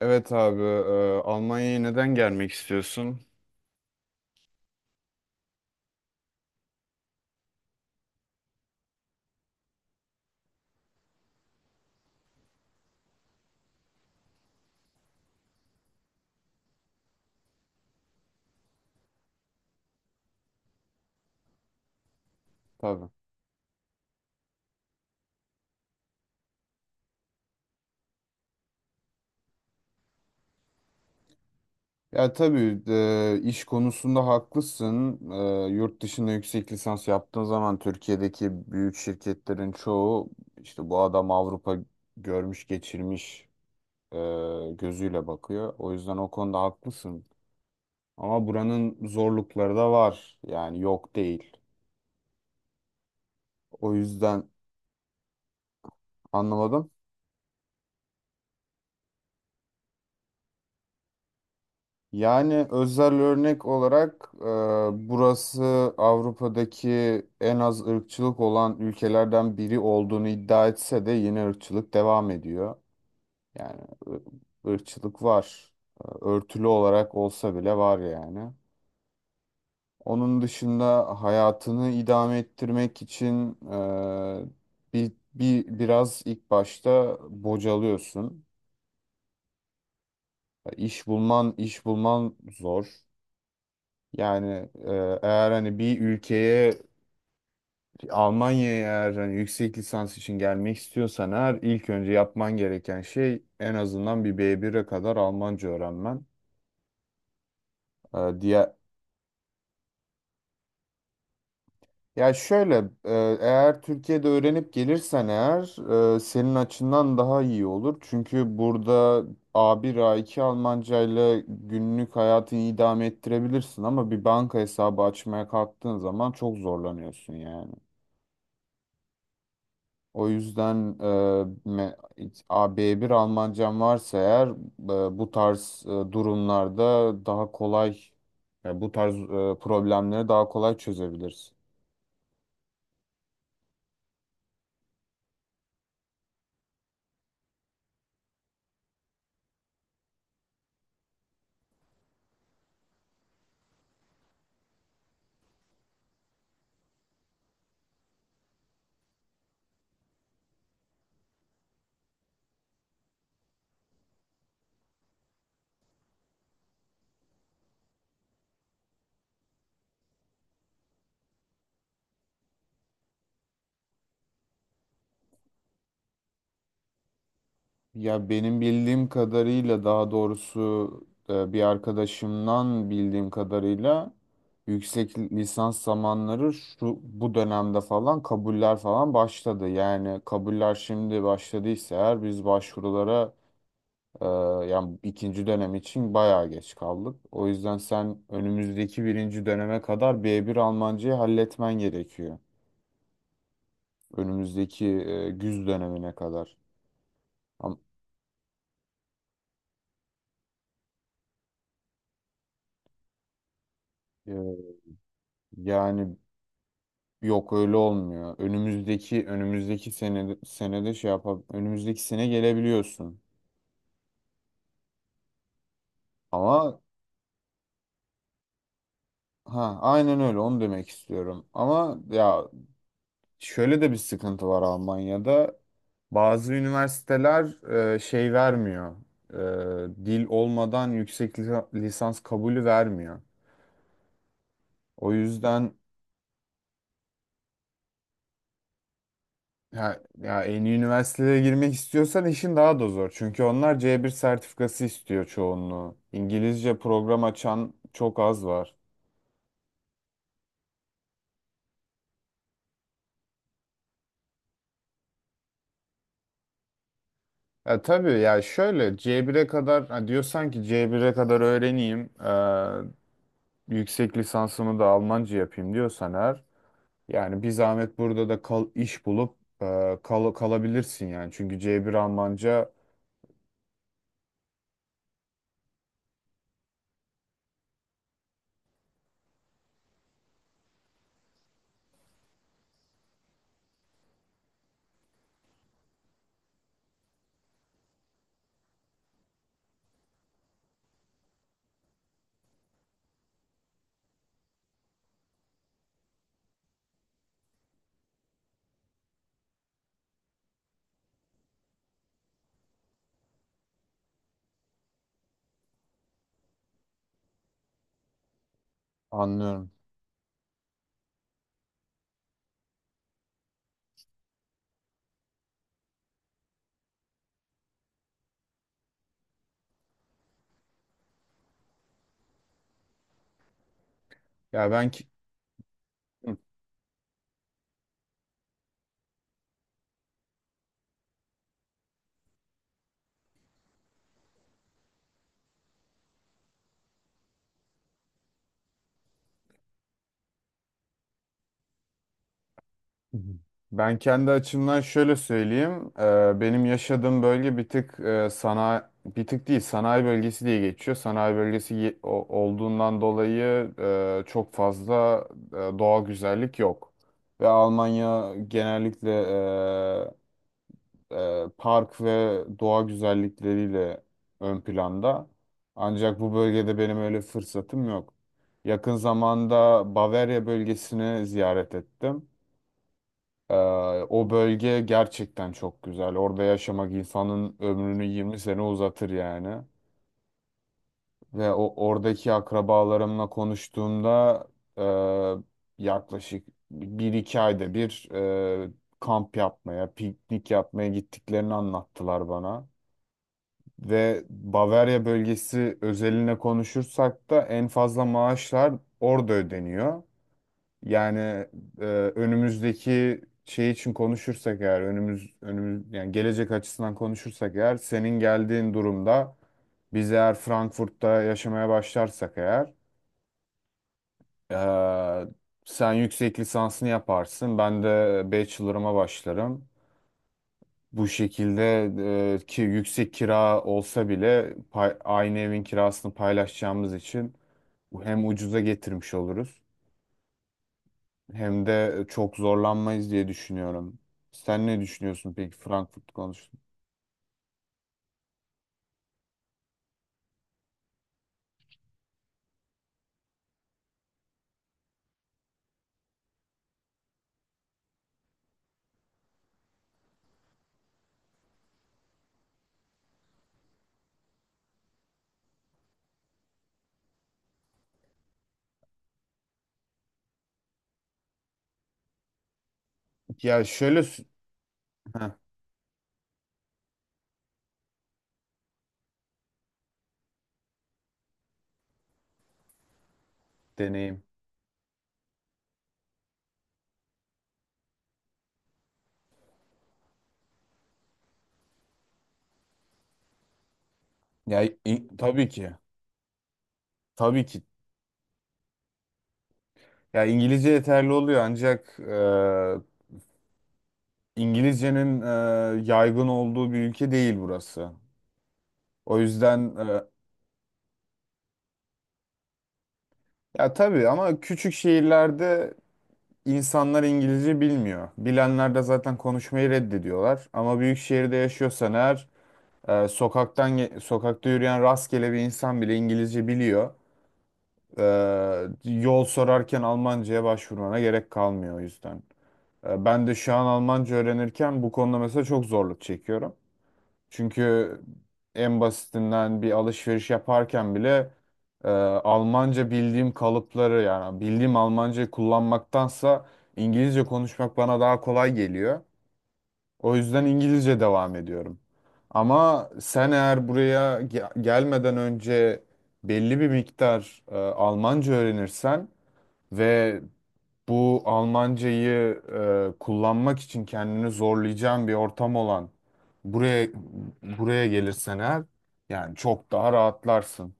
Evet abi, Almanya'ya neden gelmek istiyorsun? Tabii. Ya tabii, iş konusunda haklısın. Yurt dışında yüksek lisans yaptığın zaman Türkiye'deki büyük şirketlerin çoğu işte bu adam Avrupa görmüş geçirmiş, e, gözüyle bakıyor. O yüzden o konuda haklısın. Ama buranın zorlukları da var. Yani yok değil. O yüzden anlamadım. Yani özel örnek olarak, burası Avrupa'daki en az ırkçılık olan ülkelerden biri olduğunu iddia etse de yine ırkçılık devam ediyor. Yani ı- ırkçılık var. Örtülü olarak olsa bile var yani. Onun dışında hayatını idame ettirmek için, biraz ilk başta bocalıyorsun. İş bulman, iş bulman zor. Yani, eğer hani bir ülkeye, Almanya'ya, eğer hani yüksek lisans için gelmek istiyorsan eğer ilk önce yapman gereken şey en azından bir B1'e kadar Almanca öğrenmen. E, diğer ya şöyle, eğer Türkiye'de öğrenip gelirsen eğer, senin açından daha iyi olur. Çünkü burada A1 A2 Almancayla günlük hayatını idame ettirebilirsin ama bir banka hesabı açmaya kalktığın zaman çok zorlanıyorsun yani. O yüzden me- AB1 Almancam varsa eğer, bu tarz, durumlarda daha kolay, yani bu tarz, problemleri daha kolay çözebiliriz. Ya benim bildiğim kadarıyla, daha doğrusu, bir arkadaşımdan bildiğim kadarıyla yüksek lisans zamanları şu bu dönemde falan kabuller falan başladı. Yani kabuller şimdi başladıysa eğer biz başvurulara Ee, yani ikinci dönem için bayağı geç kaldık. O yüzden sen önümüzdeki birinci döneme kadar B1 Almancayı halletmen gerekiyor. Önümüzdeki, güz dönemine kadar. Am- e, yani yok öyle olmuyor. Önümüzdeki sene senede şey yapab önümüzdeki sene gelebiliyorsun. Ama ha, aynen öyle, onu demek istiyorum. Ama ya, şöyle de bir sıkıntı var Almanya'da. Bazı üniversiteler, şey vermiyor. Dil olmadan yüksek lisans kabulü vermiyor. O yüzden ya en iyi üniversitelere girmek istiyorsan işin daha da zor. Çünkü onlar C1 sertifikası istiyor çoğunluğu. İngilizce program açan çok az var. Ya tabii ya, şöyle C1'e kadar ha, diyorsan ki C1'e kadar öğreneyim, yüksek lisansımı da Almanca yapayım diyorsan eğer, yani bir zahmet burada da kal, iş bulup, kalabilirsin yani. Çünkü C1 Almanca anlıyorum. Ya ben ki- Hı. Ben kendi açımdan şöyle söyleyeyim. Benim yaşadığım bölge bir tık, sanayi, bir tık değil, sanayi bölgesi diye geçiyor. Sanayi bölgesi olduğundan dolayı, çok fazla, doğal güzellik yok. Ve Almanya genellikle, park ve doğa güzellikleriyle ön planda. Ancak bu bölgede benim öyle fırsatım yok. Yakın zamanda Bavarya bölgesini ziyaret ettim. E, O bölge gerçekten çok güzel. Orada yaşamak insanın ömrünü 20 sene uzatır yani. Ve o oradaki akrabalarımla konuştuğumda, yaklaşık bir iki ayda bir, e, kamp yapmaya, piknik yapmaya gittiklerini anlattılar bana. Ve Bavarya bölgesi özeline konuşursak da en fazla maaşlar orada ödeniyor. Yani, e, önümüzdeki şey için konuşursak eğer, önümüz yani gelecek açısından konuşursak eğer, senin geldiğin durumda biz eğer Frankfurt'ta yaşamaya başlarsak eğer, e, sen yüksek lisansını yaparsın. Ben de bachelor'ıma başlarım. Bu şekilde, ki yüksek kira olsa bile aynı evin kirasını paylaşacağımız için hem ucuza getirmiş oluruz hem de çok zorlanmayız diye düşünüyorum. Sen ne düşünüyorsun peki Frankfurt konusunda? Ya şöyle sü- Heh, deneyim. Tabii ki. Tabii ki. Ya İngilizce yeterli oluyor ancak, İngilizcenin, yaygın olduğu bir ülke değil burası. O yüzden, ya tabii ama küçük şehirlerde İnsanlar İngilizce bilmiyor. Bilenler de zaten konuşmayı reddediyorlar. Ama büyük şehirde yaşıyorsan eğer, sokakta yürüyen rastgele bir insan bile İngilizce biliyor. E, Yol sorarken Almanca'ya başvurmana gerek kalmıyor o yüzden. Ben de şu an Almanca öğrenirken bu konuda mesela çok zorluk çekiyorum. Çünkü en basitinden bir alışveriş yaparken bile, Almanca bildiğim kalıpları, yani bildiğim Almancayı kullanmaktansa İngilizce konuşmak bana daha kolay geliyor. O yüzden İngilizce devam ediyorum. Ama sen eğer gelmeden önce belli bir miktar, Almanca öğrenirsen ve bu Almancayı, kullanmak için kendini zorlayacağın bir ortam olan buraya, buraya gelirsen eğer, yani çok daha rahatlarsın.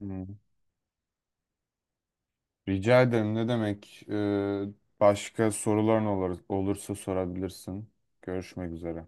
Hmm. Rica ederim, ne demek? Başka soruların olursa sorabilirsin. Görüşmek üzere.